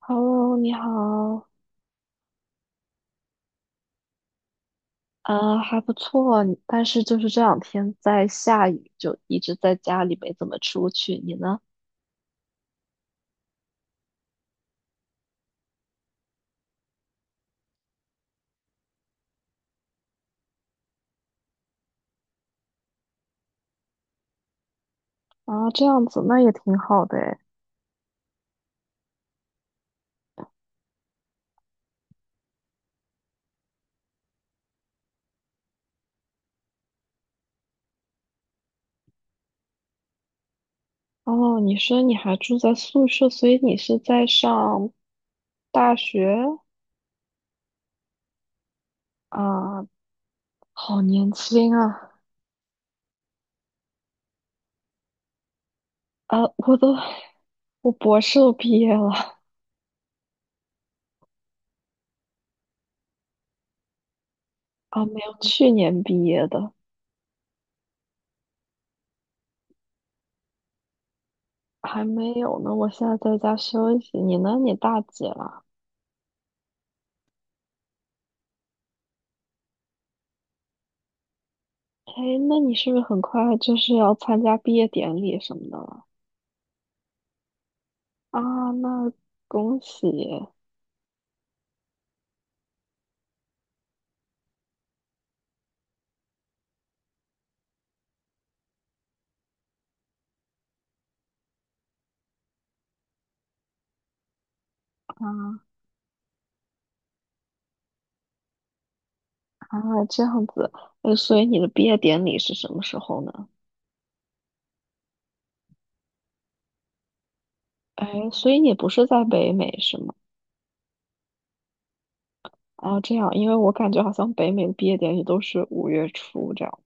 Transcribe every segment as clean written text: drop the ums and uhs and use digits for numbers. Hello，你好，还不错，但是就是这两天在下雨，就一直在家里没怎么出去。你呢？啊，这样子那也挺好的诶。哦，你说你还住在宿舍，所以你是在上大学啊？好年轻啊！啊，我博士都毕业了。啊，没有，去年毕业的，还没有呢。我现在在家休息。你呢？你大几了？哎，那你是不是很快就是要参加毕业典礼什么的了？啊，那恭喜啊。啊，这样子，所以你的毕业典礼是什么时候呢？哎，所以你不是在北美是吗？啊，这样，因为我感觉好像北美的毕业典礼都是5月初这样。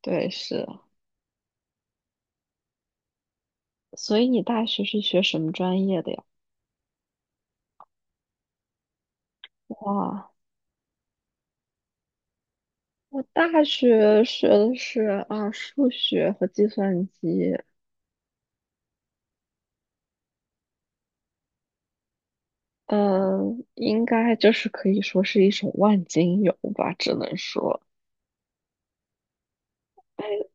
对，是，所以你大学是学什么专业的呀？哇，我大学学的是啊，数学和计算机。嗯，应该就是可以说是一种万金油吧，只能说。哎。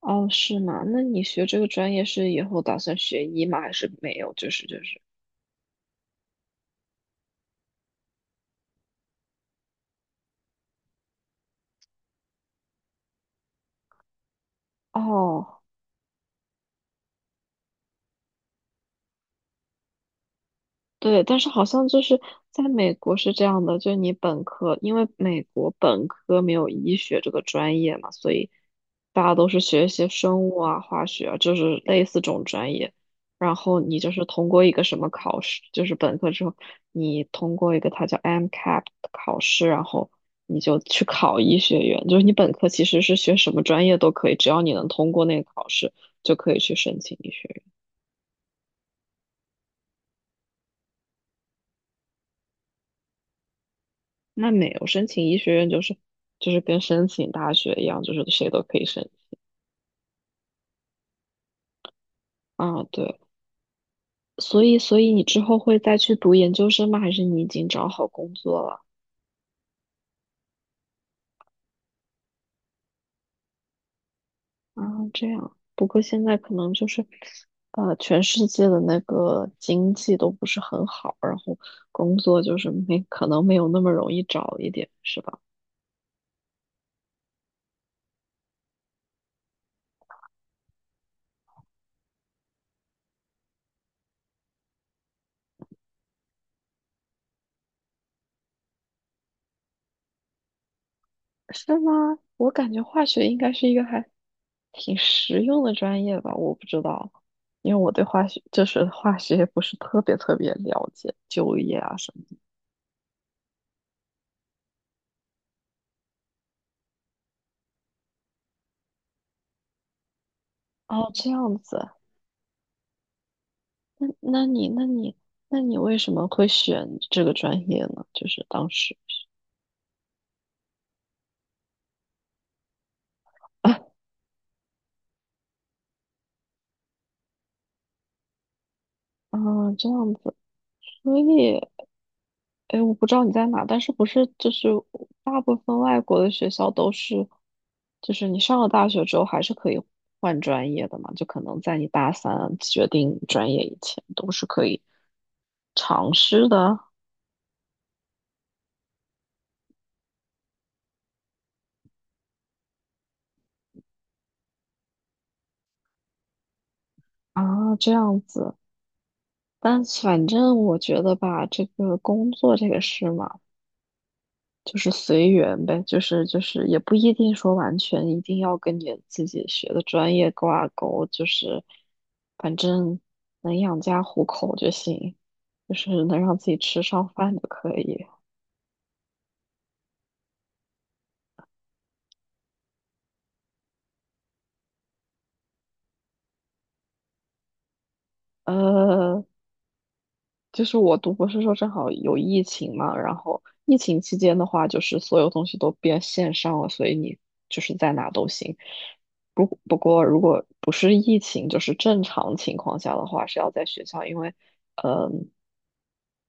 哦，是吗？那你学这个专业是以后打算学医吗？还是没有？就是。哦，对，但是好像就是在美国是这样的，就是你本科，因为美国本科没有医学这个专业嘛，所以大家都是学一些生物啊、化学啊，就是类似这种专业。然后你就是通过一个什么考试，就是本科之后你通过一个它叫 MCAP 的考试，然后你就去考医学院。就是你本科其实是学什么专业都可以，只要你能通过那个考试，就可以去申请医学院。那没有申请医学院，就是跟申请大学一样，就是谁都可以申。啊，对，所以你之后会再去读研究生吗？还是你已经找好工作了？啊，这样，不过现在可能就是全世界的那个经济都不是很好，然后工作就是没可能没有那么容易找一点，是吧？是吗？我感觉化学应该是一个还挺实用的专业吧，我不知道，因为我对化学不是特别特别了解，就业啊什么的。哦，这样子，那那你那你那你为什么会选这个专业呢？就是当时啊。 这样子。所以，哎，我不知道你在哪，但是不是就是大部分外国的学校都是，就是你上了大学之后还是可以换专业的嘛？就可能在你大三决定专业以前都是可以尝试的。啊，这样子。但反正我觉得吧，这个工作这个事嘛。就是随缘呗，就是也不一定说完全一定要跟你自己学的专业挂钩，就是反正能养家糊口就行，就是能让自己吃上饭就可以。呃，就是我读博士的时候正好有疫情嘛，然后疫情期间的话，就是所有东西都变线上了，所以你就是在哪都行。不过，如果不是疫情，就是正常情况下的话，是要在学校，因为，嗯、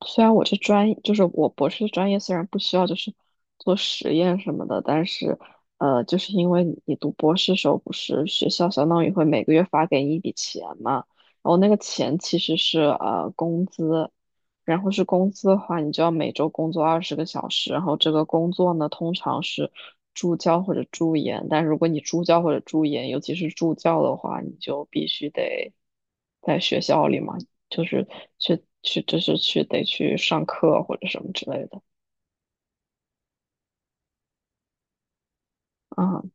虽然我这专业就是我博士的专业虽然不需要就是做实验什么的，但是就是因为你读博士时候不是学校相当于会每个月发给你一笔钱嘛，然后那个钱其实是工资，然后是工资的话，你就要每周工作20个小时，然后这个工作呢通常是助教或者助研，但如果你助教或者助研，尤其是助教的话，你就必须得在学校里嘛。就是去就是去得去上课或者什么之类的。嗯。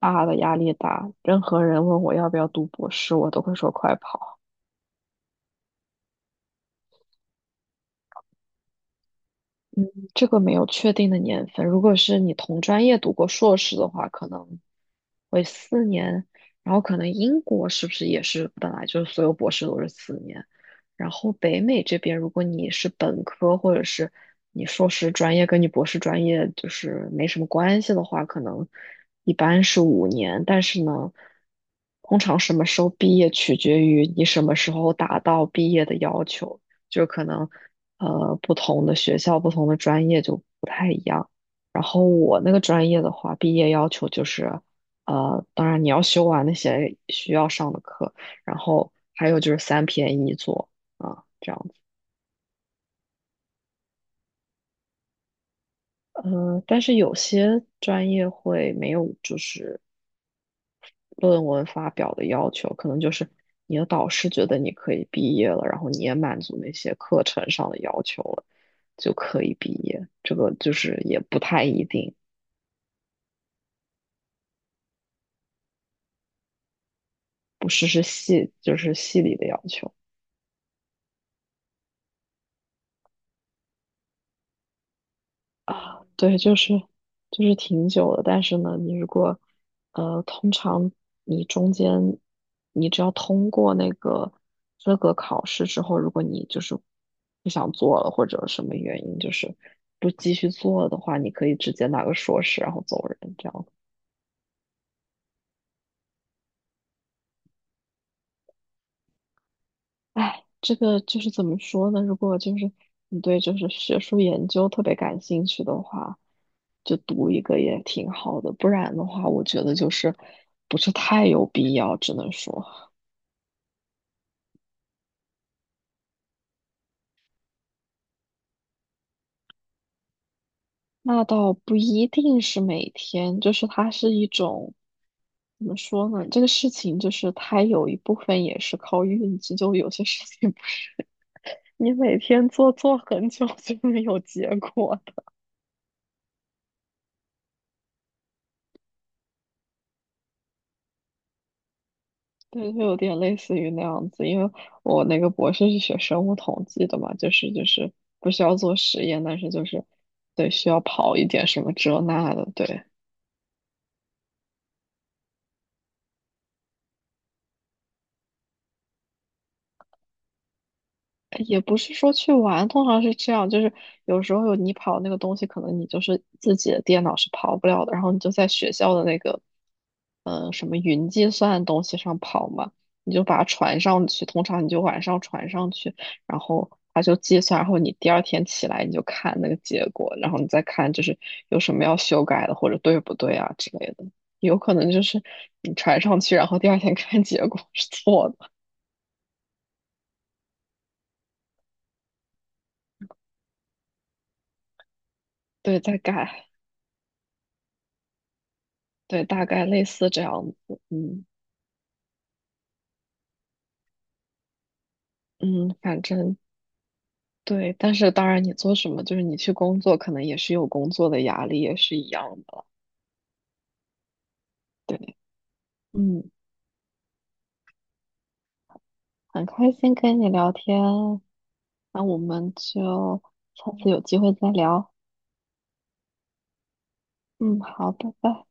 啊，大的压力大，任何人问我要不要读博士，我都会说快跑。这个没有确定的年份。如果是你同专业读过硕士的话，可能会四年。然后可能英国是不是也是本来就是所有博士都是四年？然后北美这边，如果你是本科或者是你硕士专业跟你博士专业就是没什么关系的话，可能一般是5年。但是呢，通常什么时候毕业取决于你什么时候达到毕业的要求。就可能不同的学校、不同的专业就不太一样。然后我那个专业的话，毕业要求就是当然你要修完那些需要上的课，然后还有就是3篇一作。啊，这样子。但是有些专业会没有就是论文发表的要求，可能就是你的导师觉得你可以毕业了，然后你也满足那些课程上的要求了，就可以毕业。这个就是也不太一定。不是。是系，就是系里的要求。啊，对，就是挺久的，但是呢，你如果通常你中间你只要通过那个资格考试之后，如果你就是不想做了或者什么原因，就是不继续做的话，你可以直接拿个硕士然后走人，这样。哎，这个就是怎么说呢？如果就是你对就是学术研究特别感兴趣的话，就读一个也挺好的。不然的话，我觉得就是不是太有必要，只能说那倒不一定是每天，就是它是一种，怎么说呢？这个事情就是它有一部分也是靠运气，就有些事情 你每天做做很久就没有结果。对，就有点类似于那样子，因为我那个博士是学生物统计的嘛，就是不需要做实验，但是就是对需要跑一点什么这那的，对，也不是说去玩，通常是这样，就是有时候你跑那个东西，可能你就是自己的电脑是跑不了的，然后你就在学校的那个，什么云计算的东西上跑嘛，你就把它传上去，通常你就晚上传上去，然后它就计算，然后你第二天起来你就看那个结果，然后你再看就是有什么要修改的或者对不对啊之类的，有可能就是你传上去，然后第二天看结果是错的，对，再改。对，大概类似这样子，嗯。嗯，反正对，但是当然，你做什么，就是你去工作，可能也是有工作的压力，也是一样的了。对，嗯，很开心跟你聊天，那我们就下次有机会再聊。嗯，好，拜拜。